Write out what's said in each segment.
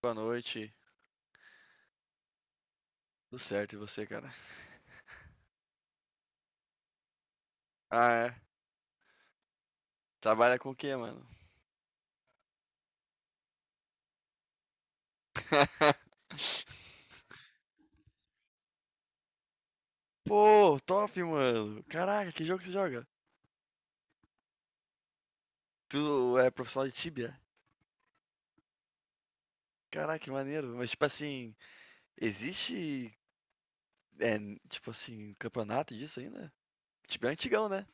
Boa noite. Tudo certo e você, cara? Ah, é. Trabalha com o quê, mano? Pô, top, mano. Caraca, que jogo que você joga? Tu é profissional de Tibia? Caraca, que maneiro. Mas, tipo assim, existe, tipo assim, campeonato disso ainda? Tibia é antigão, né?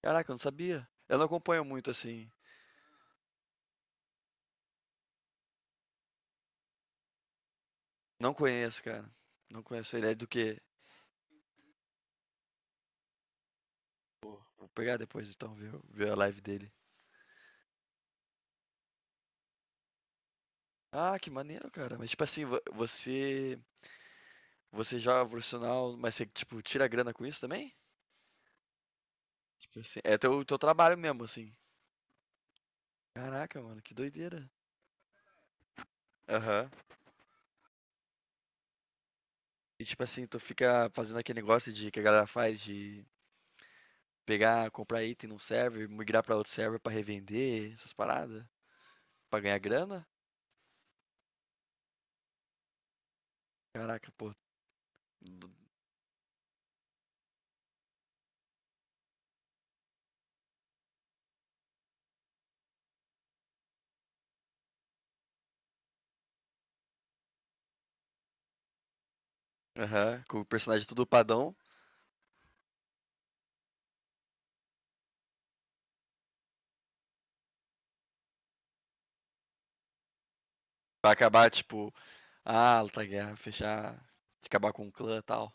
Caraca, eu não sabia. Eu não acompanho muito, assim. Não conheço, cara. Não conheço ele. É do quê? Pô, vou pegar depois, então, ver a live dele. Ah, que maneiro, cara. Mas, tipo assim, Você joga profissional, mas você, tipo, tira grana com isso também? Tipo assim, é teu trabalho mesmo, assim. Caraca, mano, que doideira. Aham. E tipo assim, tu fica fazendo aquele negócio de que a galera faz de pegar, comprar item num server, migrar pra outro server pra revender, essas paradas, pra ganhar grana. Caraca, pô. do- Aham, com o personagem tudo padão, pra acabar, tipo, lutar guerra, fechar, acabar com o clã e tal.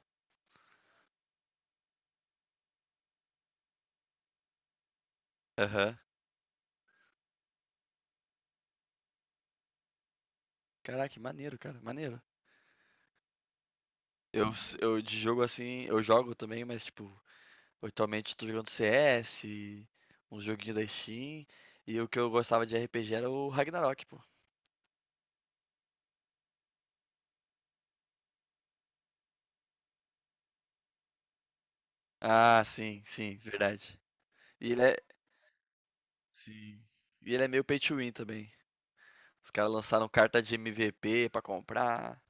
Aham. Caraca, que maneiro, cara, maneiro. Eu de jogo, assim, eu jogo também, mas, tipo, atualmente tô jogando CS, uns joguinhos da Steam, e o que eu gostava de RPG era o Ragnarok, pô. Ah, sim, sim, verdade. E ele é sim. E ele é meio pay to win também. Os caras lançaram carta de MVP pra comprar.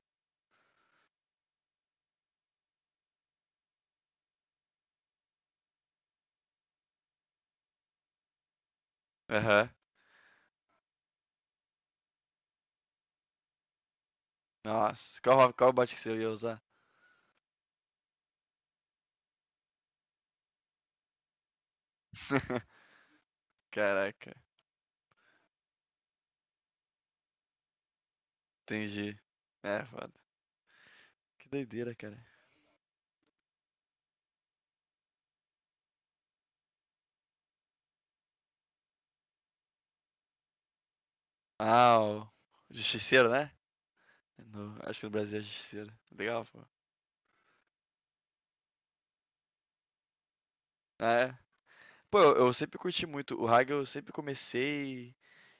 Aham. Nossa, qual bot que você ia usar? Caraca, entendi. É foda. Que doideira, cara. Ah, o Justiceiro, né? Acho que no Brasil é Justiceiro. Legal, pô. Ah, é. Pô, eu sempre curti muito. O Hagel eu sempre comecei.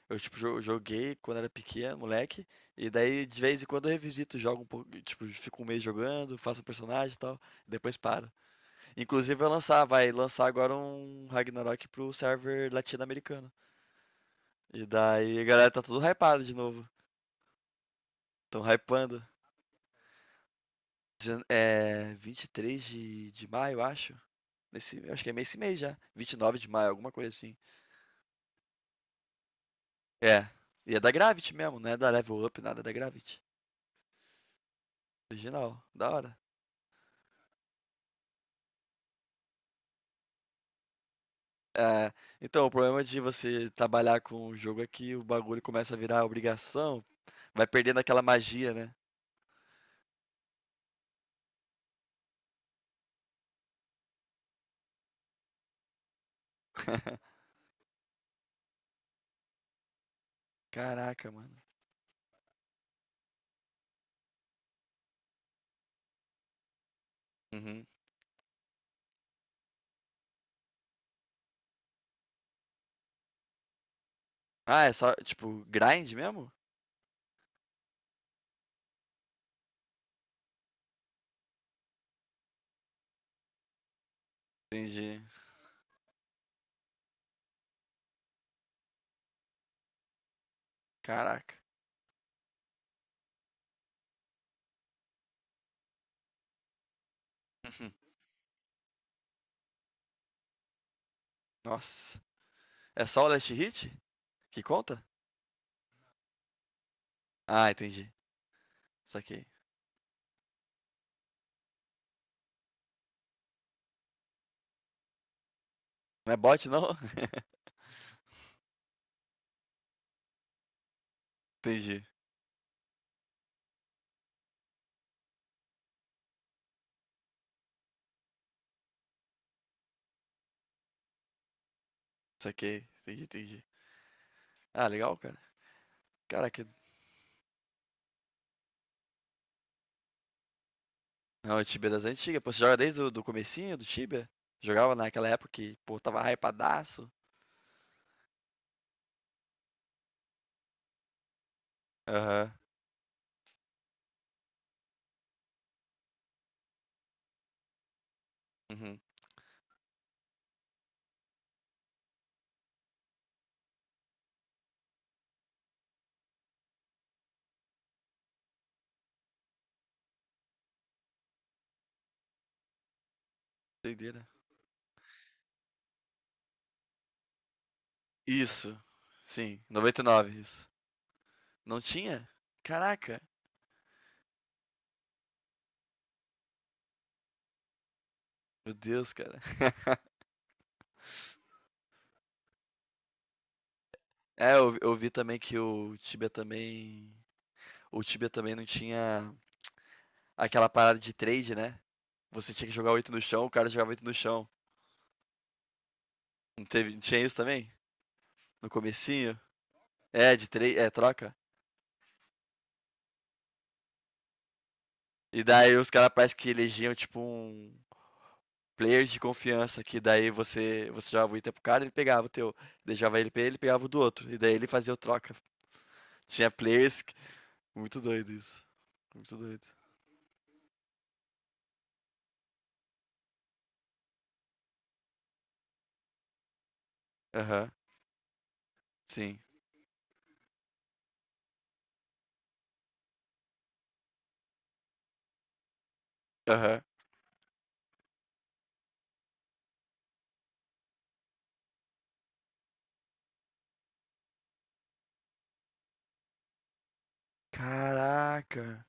Eu, tipo, joguei quando era pequeno, moleque. E daí, de vez em quando, eu revisito, jogo um pouco. Tipo, fico um mês jogando, faço um personagem e tal. E depois paro. Inclusive, vai lançar agora um Ragnarok pro server latino-americano. E daí, a galera tá tudo hypada de novo. Tão hypando. 23 de maio, acho. Nesse, acho que é esse mês já. 29 de maio, alguma coisa assim. É. E é da Gravity mesmo, não é da Level Up, nada, é da Gravity. Original, da hora. É, então, o problema de você trabalhar com o jogo é que o bagulho começa a virar obrigação, vai perdendo aquela magia, né? Caraca, mano. Uhum. Ah, é só, tipo, grind mesmo? Entendi. Caraca. Uhum. Nossa. É só o last hit que conta? Ah, entendi. Saquei. Não é bot, não? Entendi. Saquei. Entendi, entendi. Ah, legal, cara. Cara, que Não, o Tibia das antigas. Pô, você joga desde o do comecinho do Tibia? Jogava naquela época que, pô, tava hypadaço. Aham. Uhum. Doideira. Isso. Sim, 99, isso. Não tinha? Caraca. Meu Deus, cara. É, eu vi também que o Tibia também. O Tibia também não tinha aquela parada de trade, né? Você tinha que jogar oito no chão, o cara jogava oito no chão. Não teve, não tinha isso também? No comecinho? É, de trade, troca. E daí os caras parece que elegiam tipo um, players de confiança que daí você jogava o item pro cara, ele pegava o teu, deixava ele pra ele, ele pegava o do outro, e daí ele fazia o troca. Tinha players. Muito doido isso. Muito doido. Aham, sim. Aham. Caraca.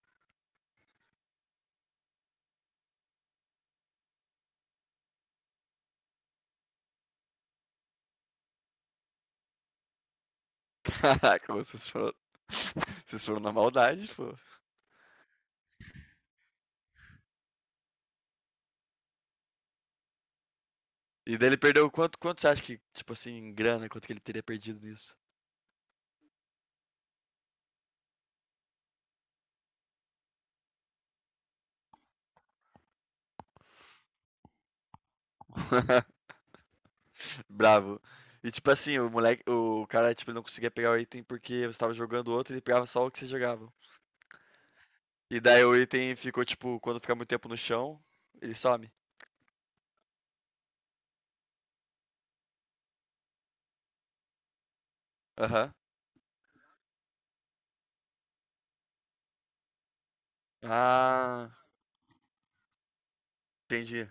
Caraca, vocês foram. Vocês foram na maldade, pô. E daí ele perdeu quanto, você acha que, tipo assim, em grana, quanto que ele teria perdido nisso? Bravo. E tipo assim, o moleque, o cara, tipo, ele não conseguia pegar o item porque você tava jogando outro e ele pegava só o que você jogava. E daí o item ficou tipo, quando fica muito tempo no chão, ele some. Aham. Ah, entendi.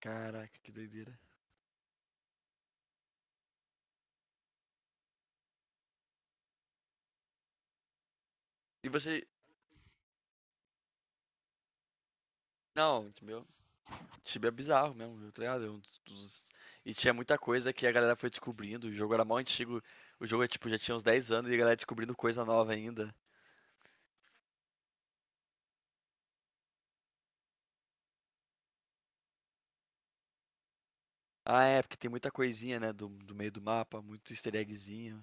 Caraca, que doideira. E você. Não, meu, Tibia é bizarro mesmo, viu? Tá ligado? E tinha muita coisa que a galera foi descobrindo. O jogo era mal antigo. O jogo é, tipo, já tinha uns 10 anos e a galera descobrindo coisa nova ainda. Ah, é, porque tem muita coisinha, né? Do meio do mapa, muito easter eggzinho.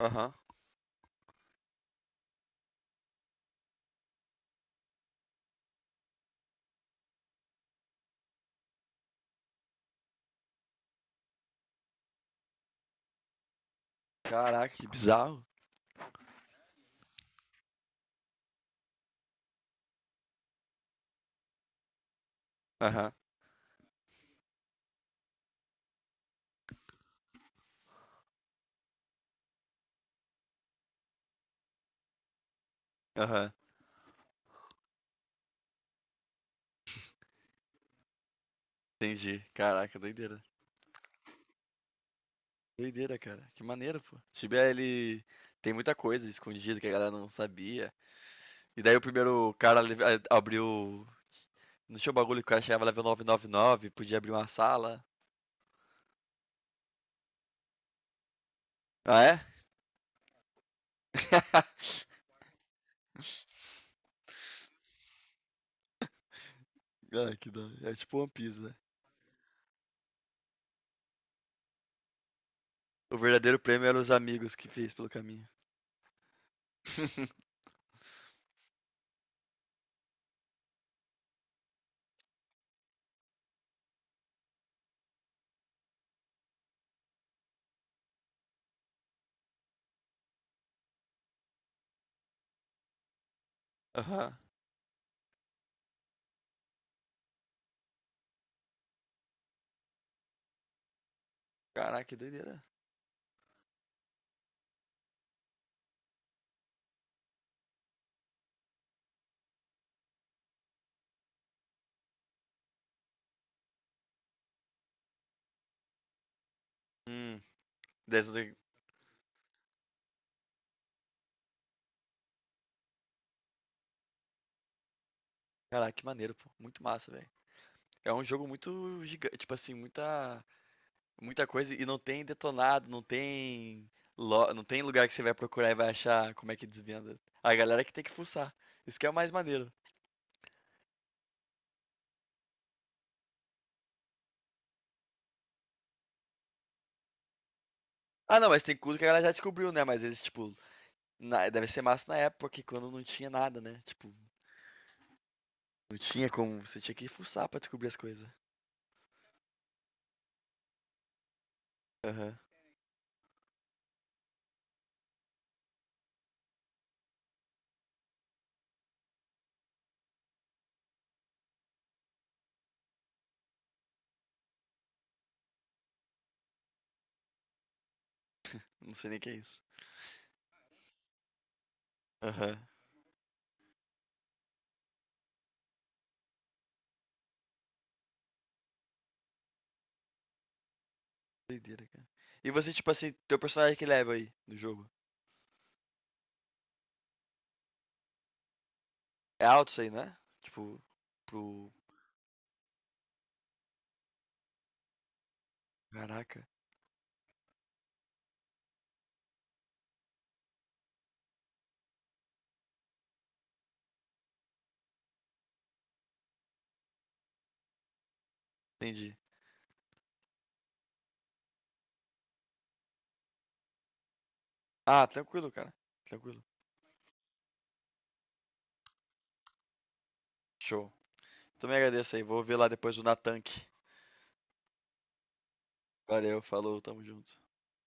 Aham. Caraca, que bizarro. Aham. Aham. Entendi. Caraca, doideira. Doideira, cara. Que maneiro, pô. Tibia, ele tem muita coisa escondida que a galera não sabia. E daí o primeiro cara abriu. Não tinha o bagulho que o cara chegava level 999, podia abrir uma sala. Ah, é? Ah, que da hora. É tipo One Piece, né? O verdadeiro prêmio eram os amigos que fez pelo caminho. Aham. Caraca, que doideira. Hum. Daí Caraca, que maneiro, pô. Muito massa, velho. É um jogo muito gigante, tipo assim, Muita coisa e não tem detonado, não tem não tem lugar que você vai procurar e vai achar como é que desvenda. A galera é que tem que fuçar. Isso que é o mais maneiro. Ah, não, mas tem coisa que a galera já descobriu, né? Mas eles, tipo, deve ser massa na época, que quando não tinha nada, né? Tipo, não tinha como. Você tinha que fuçar pra descobrir as coisas. Aham. Não sei nem o que é isso. Aham. Doideira, cara. E você, tipo assim, teu personagem que level aí no jogo? É alto isso aí, não é? Tipo, pro. Caraca. Entendi. Ah, tranquilo, cara. Tranquilo. Show. Também agradeço aí. Vou ver lá depois do Natank. Valeu, falou, tamo junto.